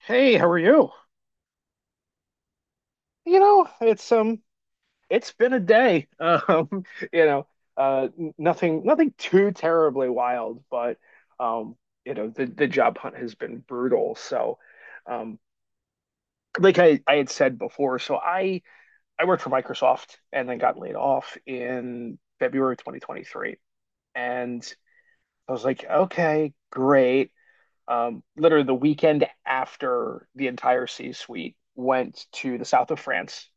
Hey, how are you? You know, it's It's been a day. You know, Nothing too terribly wild, but um, the job hunt has been brutal. So, um, like I had said before, so I worked for Microsoft and then got laid off in February 2023, and I was like, okay, great. Literally the weekend after the entire C-suite went to the south of France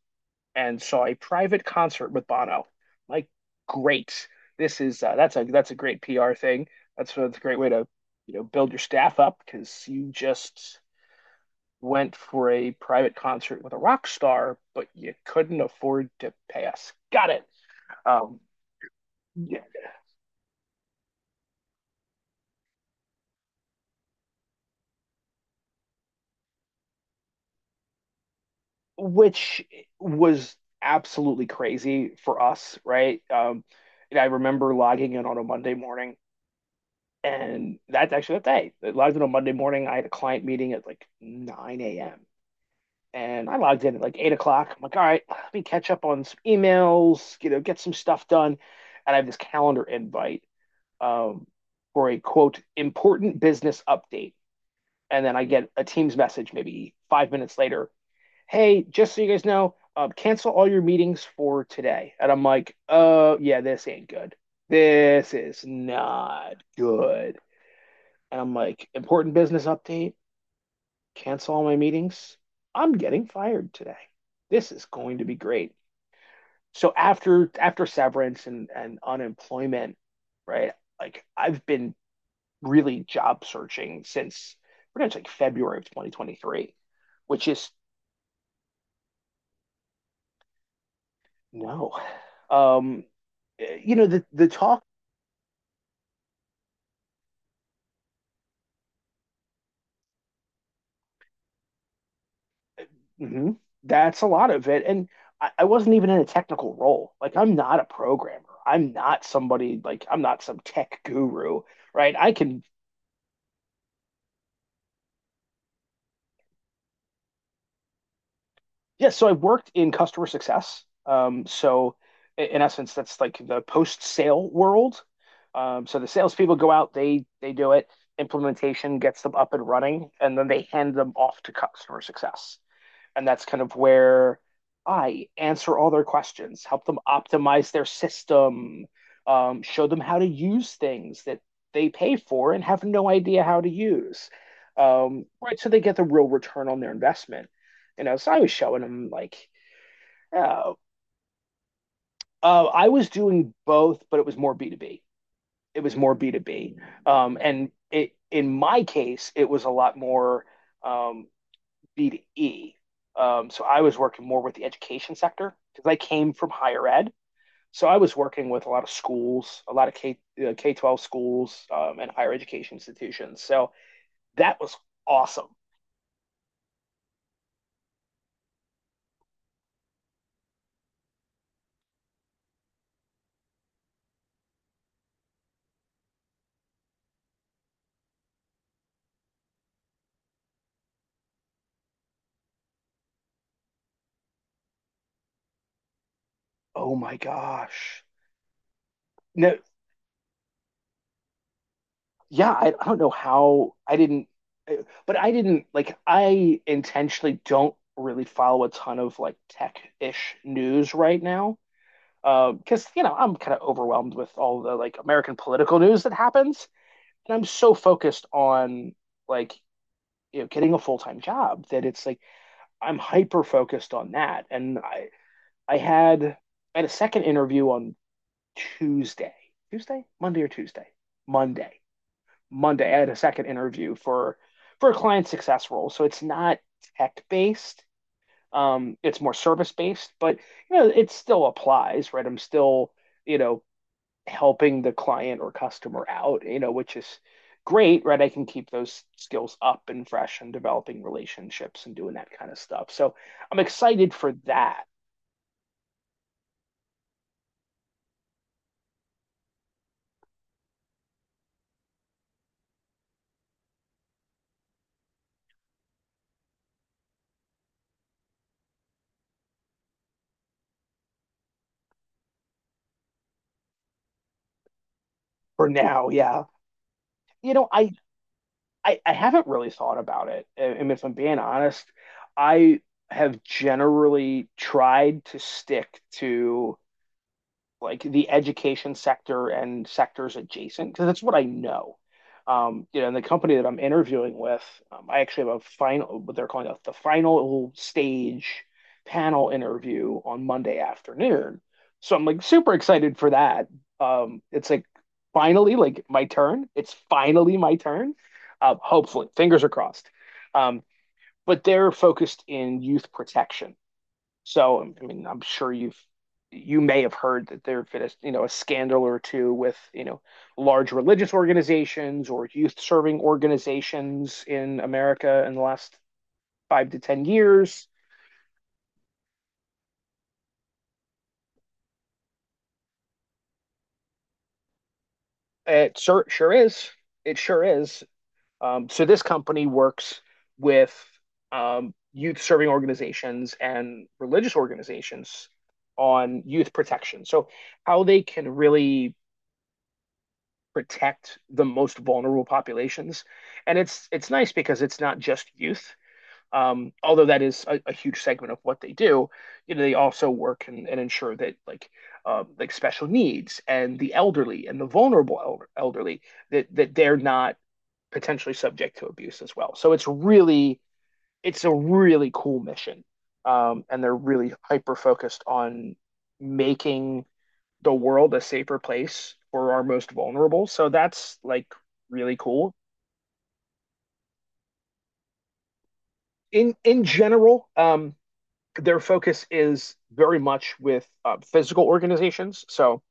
and saw a private concert with Bono. Like, great. This is That's a great PR thing. That's a great way to, you know, build your staff up because you just went for a private concert with a rock star, but you couldn't afford to pay us. Got it. Um, yeah, which was absolutely crazy for us, right? And I remember logging in on a Monday morning. And that's actually that day. I logged in on Monday morning. I had a client meeting at like 9 a.m. And I logged in at like 8 o'clock. I'm like, all right, let me catch up on some emails, you know, get some stuff done. And I have this calendar invite, um, for a quote, important business update. And then I get a Teams message maybe 5 minutes later. Hey, just so you guys know, cancel all your meetings for today. And I'm like, oh, yeah, this ain't good. This is not good. And I'm like, important business update, cancel all my meetings. I'm getting fired today. This is going to be great. So after severance and unemployment, right? Like I've been really job searching since pretty much like February of 2023, which is no. Um, you know, the talk. Hmm. That's a lot of it. And I wasn't even in a technical role. Like, I'm not a programmer. I'm not somebody, like, I'm not some tech guru, right? I can, yeah. So I worked in customer success. So in essence, that's like the post-sale world. So the salespeople go out, they do it, implementation gets them up and running, and then they hand them off to customer success. And that's kind of where I answer all their questions, help them optimize their system, show them how to use things that they pay for and have no idea how to use, right? So they get the real return on their investment. You know, so I was showing them like, uh, I was doing both, but it was more B two B. It was more B two B. And it in my case, it was a lot more um, B to E. So I was working more with the education sector because I came from higher ed. So I was working with a lot of schools, a lot of K 12 schools, and higher education institutions. So that was awesome. Oh my gosh! No, yeah, I don't know how I didn't, but I didn't. Like, I intentionally don't really follow a ton of like tech-ish news right now, because you know, I'm kind of overwhelmed with all the like American political news that happens. And I'm so focused on, like, you know, getting a full time job, that it's like I'm hyper focused on that. And I had, I had a second interview on Tuesday, Monday or Monday, Monday. I had a second interview for a client success role, so it's not tech based. It's more service based, but you know, it still applies, right? I'm still, you know, helping the client or customer out, you know, which is great, right? I can keep those skills up and fresh and developing relationships and doing that kind of stuff. So I'm excited for that for now. Yeah. You know, I haven't really thought about it. And if I'm being honest, I have generally tried to stick to like the education sector and sectors adjacent, because that's what I know. You know, and the company that I'm interviewing with, I actually have a final, what they're calling a, the final stage panel interview on Monday afternoon. So I'm like super excited for that. It's like finally, like, my turn. It's finally my turn. Hopefully, fingers are crossed. Um, but they're focused in youth protection. So, I mean, I'm sure you may have heard that there have been a, you know, a scandal or two with, you know, large religious organizations or youth serving organizations in America in the last five to 10 years. It sure is. It sure is. So this company works with, youth serving organizations and religious organizations on youth protection. So how they can really protect the most vulnerable populations. And it's nice because it's not just youth, although that is a huge segment of what they do. You know, they also work and ensure that, like, like special needs and the elderly and the vulnerable elderly, that they're not potentially subject to abuse as well. So it's really, it's a really cool mission. And they're really hyper focused on making the world a safer place for our most vulnerable. So that's like really cool. In general, their focus is very much with physical organizations. So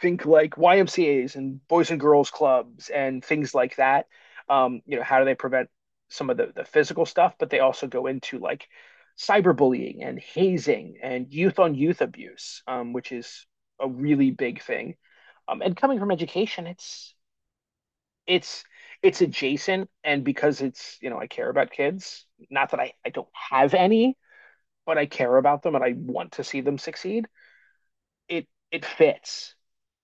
think like YMCA's and Boys and Girls Clubs and things like that. You know, how do they prevent some of the physical stuff? But they also go into like cyberbullying and hazing and youth on youth abuse, which is a really big thing. And coming from education, it's it's adjacent, and because it's, you know, I care about kids, not that I don't have any, but I care about them and I want to see them succeed, it fits,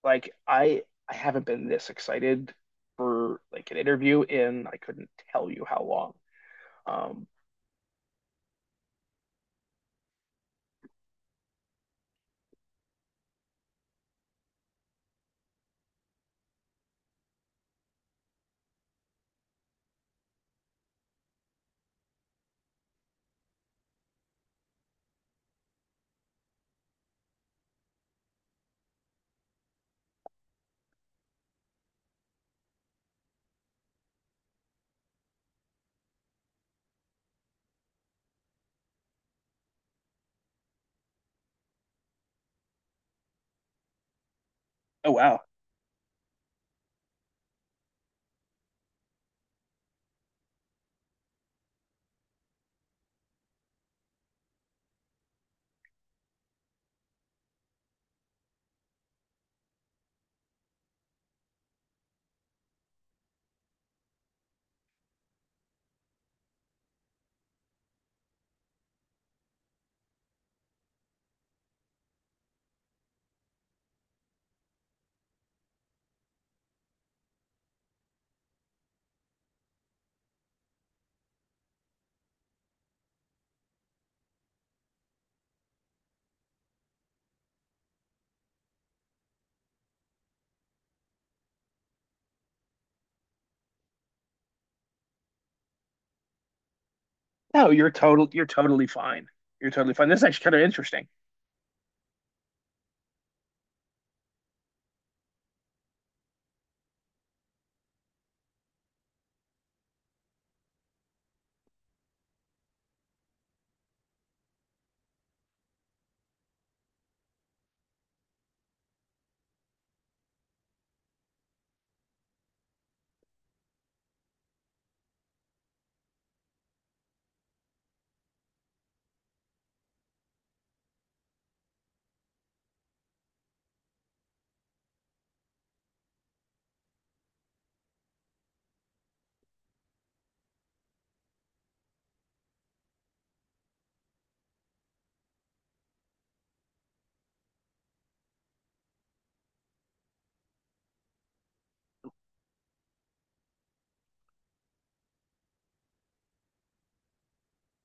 like, I haven't been this excited for like an interview in, I couldn't tell you how long. Um, oh wow. No, you're totally fine. You're totally fine, this is actually kind of interesting.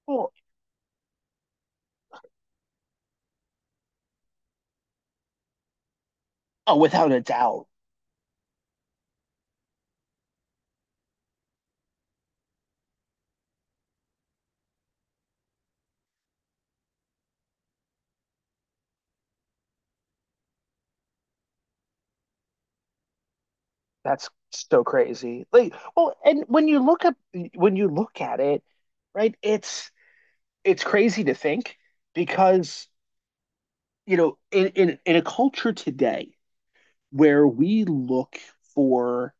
Well, oh, without a doubt. That's so crazy. Like, well, and when you look up, when you look at it, right, it's crazy to think, because, you know, in in a culture today where we look for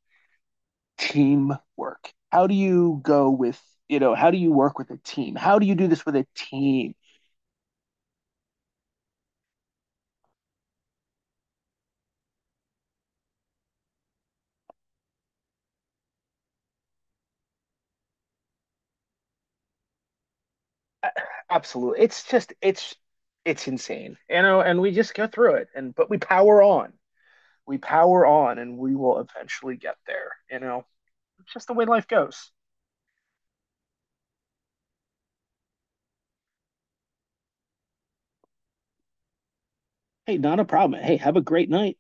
teamwork, how do you go with, you know, how do you work with a team? How do you do this with a team? A- Absolutely. It's just It's insane. You know, and we just go through it and but we power on. We power on and we will eventually get there, you know. It's just the way life goes. Hey, not a problem. Hey, have a great night.